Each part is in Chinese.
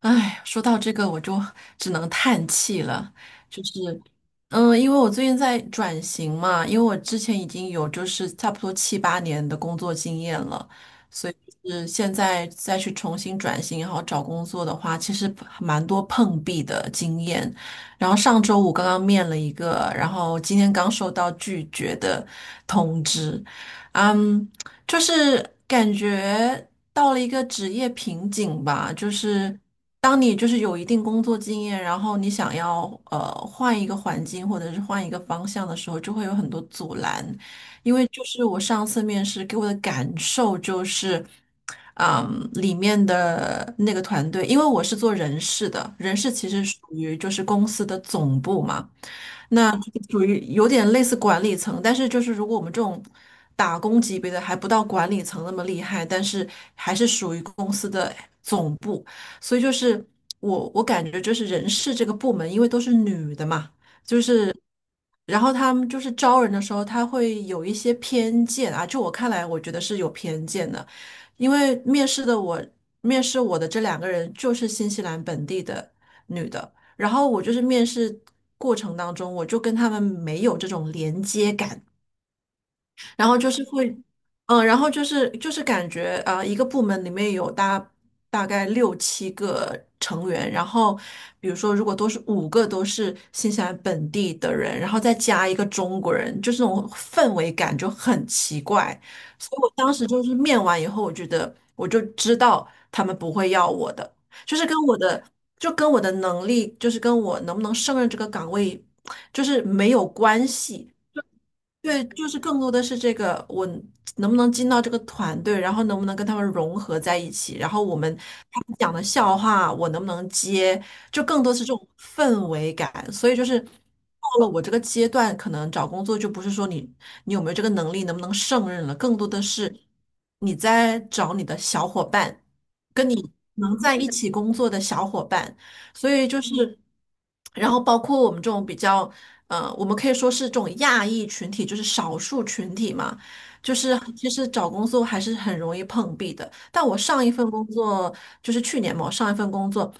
哎，说到这个，我就只能叹气了。就是，因为我最近在转型嘛，因为我之前已经有就是差不多七八年的工作经验了，所以就是现在再去重新转型，然后找工作的话，其实蛮多碰壁的经验。然后上周五刚刚面了一个，然后今天刚收到拒绝的通知。嗯。就是感觉到了一个职业瓶颈吧，就是当你就是有一定工作经验，然后你想要换一个环境或者是换一个方向的时候，就会有很多阻拦，因为就是我上次面试给我的感受就是。嗯，里面的那个团队，因为我是做人事的，人事其实属于就是公司的总部嘛。那就是属于有点类似管理层，但是就是如果我们这种打工级别的还不到管理层那么厉害，但是还是属于公司的总部，所以就是我感觉就是人事这个部门，因为都是女的嘛，就是然后他们就是招人的时候，他会有一些偏见啊，就我看来，我觉得是有偏见的，因为面试我的这两个人就是新西兰本地的。女的，然后我就是面试过程当中，我就跟他们没有这种连接感，然后就是会，然后就是感觉一个部门里面有大概六七个成员，然后比如说如果都是五个都是新西兰本地的人，然后再加一个中国人，就这种氛围感就很奇怪，所以我当时就是面完以后，我觉得我就知道他们不会要我的，就是跟我的就跟我的能力，就是跟我能不能胜任这个岗位，就是没有关系。对，就是更多的是这个，我能不能进到这个团队，然后能不能跟他们融合在一起，然后我们他们讲的笑话，我能不能接，就更多是这种氛围感。所以就是到了我这个阶段，可能找工作就不是说你有没有这个能力，能不能胜任了，更多的是你在找你的小伙伴，跟你能在一起工作的小伙伴。所以就是，然后包括我们这种比较。嗯，我们可以说是这种亚裔群体，就是少数群体嘛，就是其实找工作还是很容易碰壁的。但我上一份工作就是去年嘛，我上一份工作，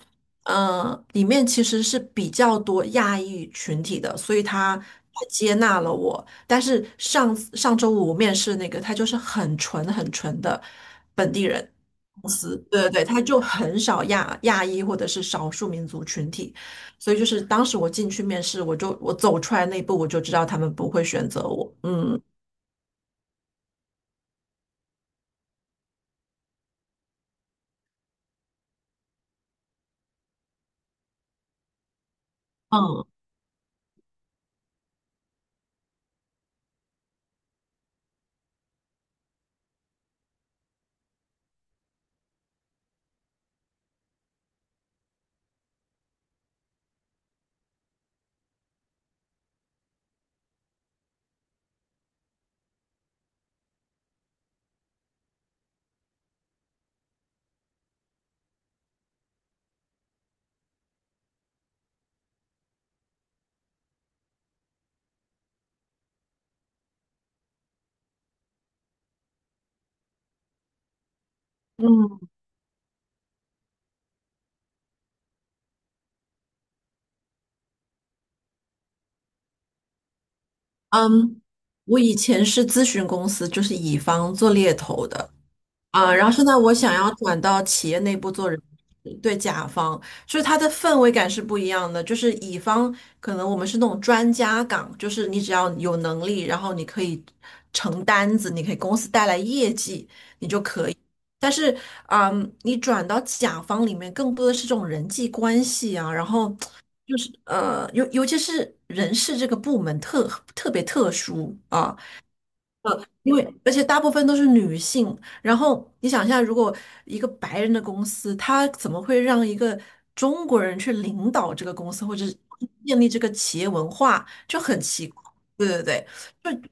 嗯，里面其实是比较多亚裔群体的，所以他接纳了我。但是上上周五我面试那个，他就是很纯很纯的本地人公司，对对对，他就很少亚裔或者是少数民族群体。所以就是当时我进去面试，我就我走出来那一步，我就知道他们不会选择我。嗯嗯嗯嗯。我以前是咨询公司，就是乙方做猎头的啊，然后现在我想要转到企业内部做人事，对，甲方，就是它的氛围感是不一样的。就是乙方可能我们是那种专家岗，就是你只要有能力，然后你可以成单子，你可以公司带来业绩。但是，嗯，你转到甲方里面，更多的是这种人际关系啊，然后就是尤其是人事这个部门特别特殊啊，因为而且大部分都是女性。然后你想一下，如果一个白人的公司，他怎么会让一个中国人去领导这个公司，或者是建立这个企业文化，就很奇怪。对对对，就对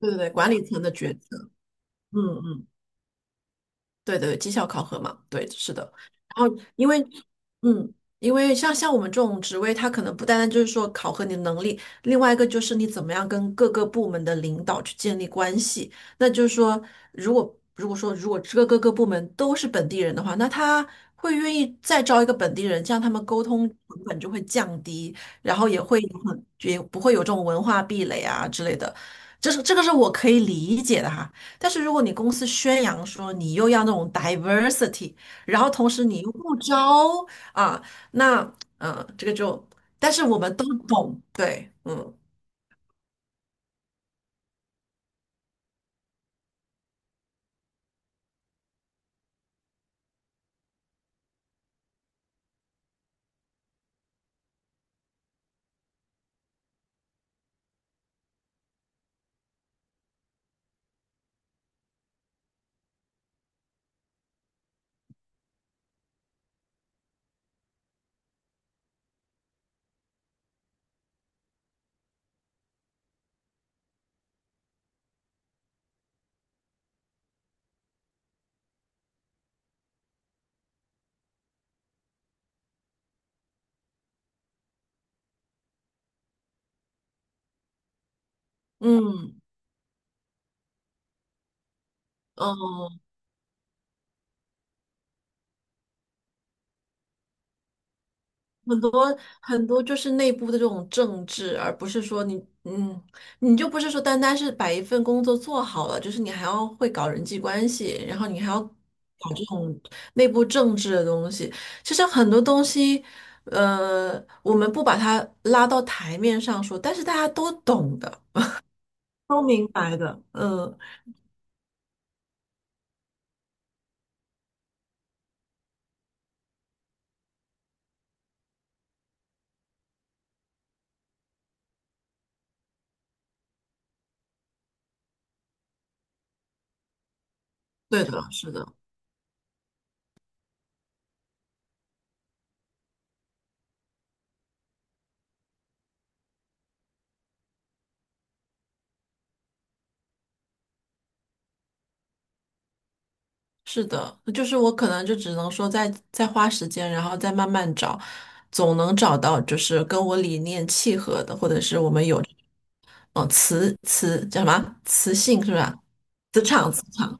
对对，管理层的抉择。嗯嗯。对对，绩效考核嘛，对，是的。然后因为，嗯，因为像我们这种职位，它可能不单单就是说考核你的能力，另外一个就是你怎么样跟各个部门的领导去建立关系。那就是说，如果这个各个部门都是本地人的话，那他会愿意再招一个本地人，这样他们沟通成本就会降低，然后也会也不会有这种文化壁垒啊之类的。这是这个是我可以理解的哈，但是如果你公司宣扬说你又要那种 diversity，然后同时你又不招啊，那这个就，但是我们都懂，对，嗯嗯嗯。很多很多就是内部的这种政治，而不是说你，嗯，你就不是说单单是把一份工作做好了，就是你还要会搞人际关系，然后你还要搞这种内部政治的东西。其实很多东西，我们不把它拉到台面上说，但是大家都懂的，都明白的，嗯，对的，是的。是的，就是我可能就只能说再花时间，然后再慢慢找，总能找到就是跟我理念契合的，或者是我们有嗯、呃磁磁叫什么磁性是吧？磁场磁场。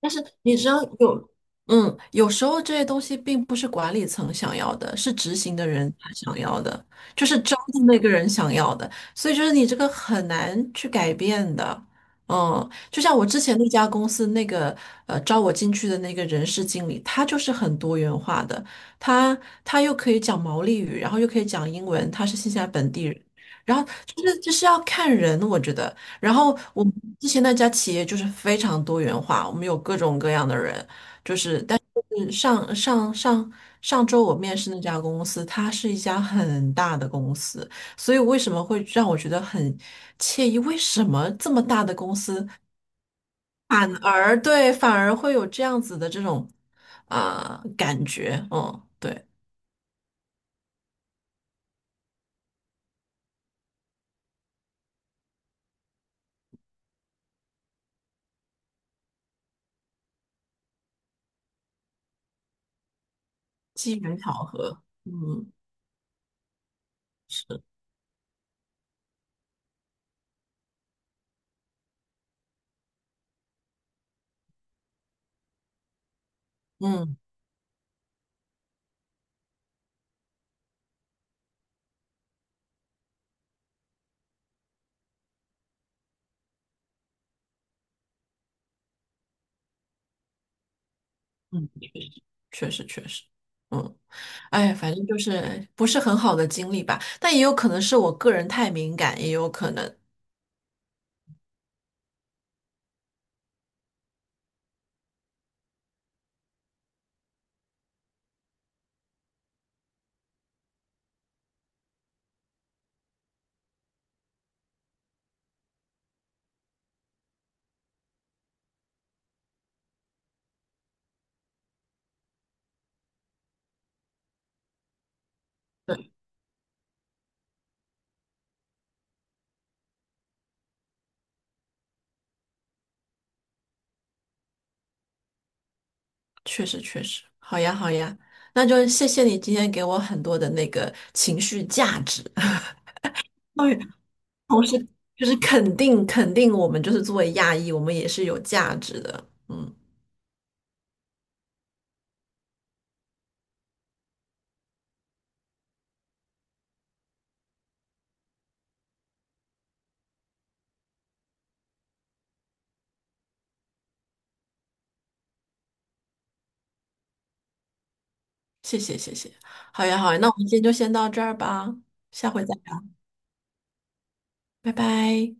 但是你知道有，嗯，有时候这些东西并不是管理层想要的，是执行的人他想要的，就是招的那个人想要的，所以就是你这个很难去改变的。嗯，就像我之前那家公司那个招我进去的那个人事经理，他就是很多元化的，他他又可以讲毛利语，然后又可以讲英文，他是新西兰本地人，然后就是就是要看人，我觉得。然后我们之前那家企业就是非常多元化，我们有各种各样的人。嗯，上周我面试那家公司，它是一家很大的公司，所以为什么会让我觉得很惬意？为什么这么大的公司反而会有这样子的这种感觉？嗯，对，机缘巧合，嗯是，嗯。确实确实，嗯，哎，反正就是不是很好的经历吧，但也有可能是我个人太敏感，也有可能，对，确实确实，好呀好呀，那就谢谢你今天给我很多的那个情绪价值，对，同时就是肯定我们就是作为亚裔，我们也是有价值的，嗯，谢谢谢谢，好呀好呀，那我们今天就先到这儿吧，下回再聊，拜拜。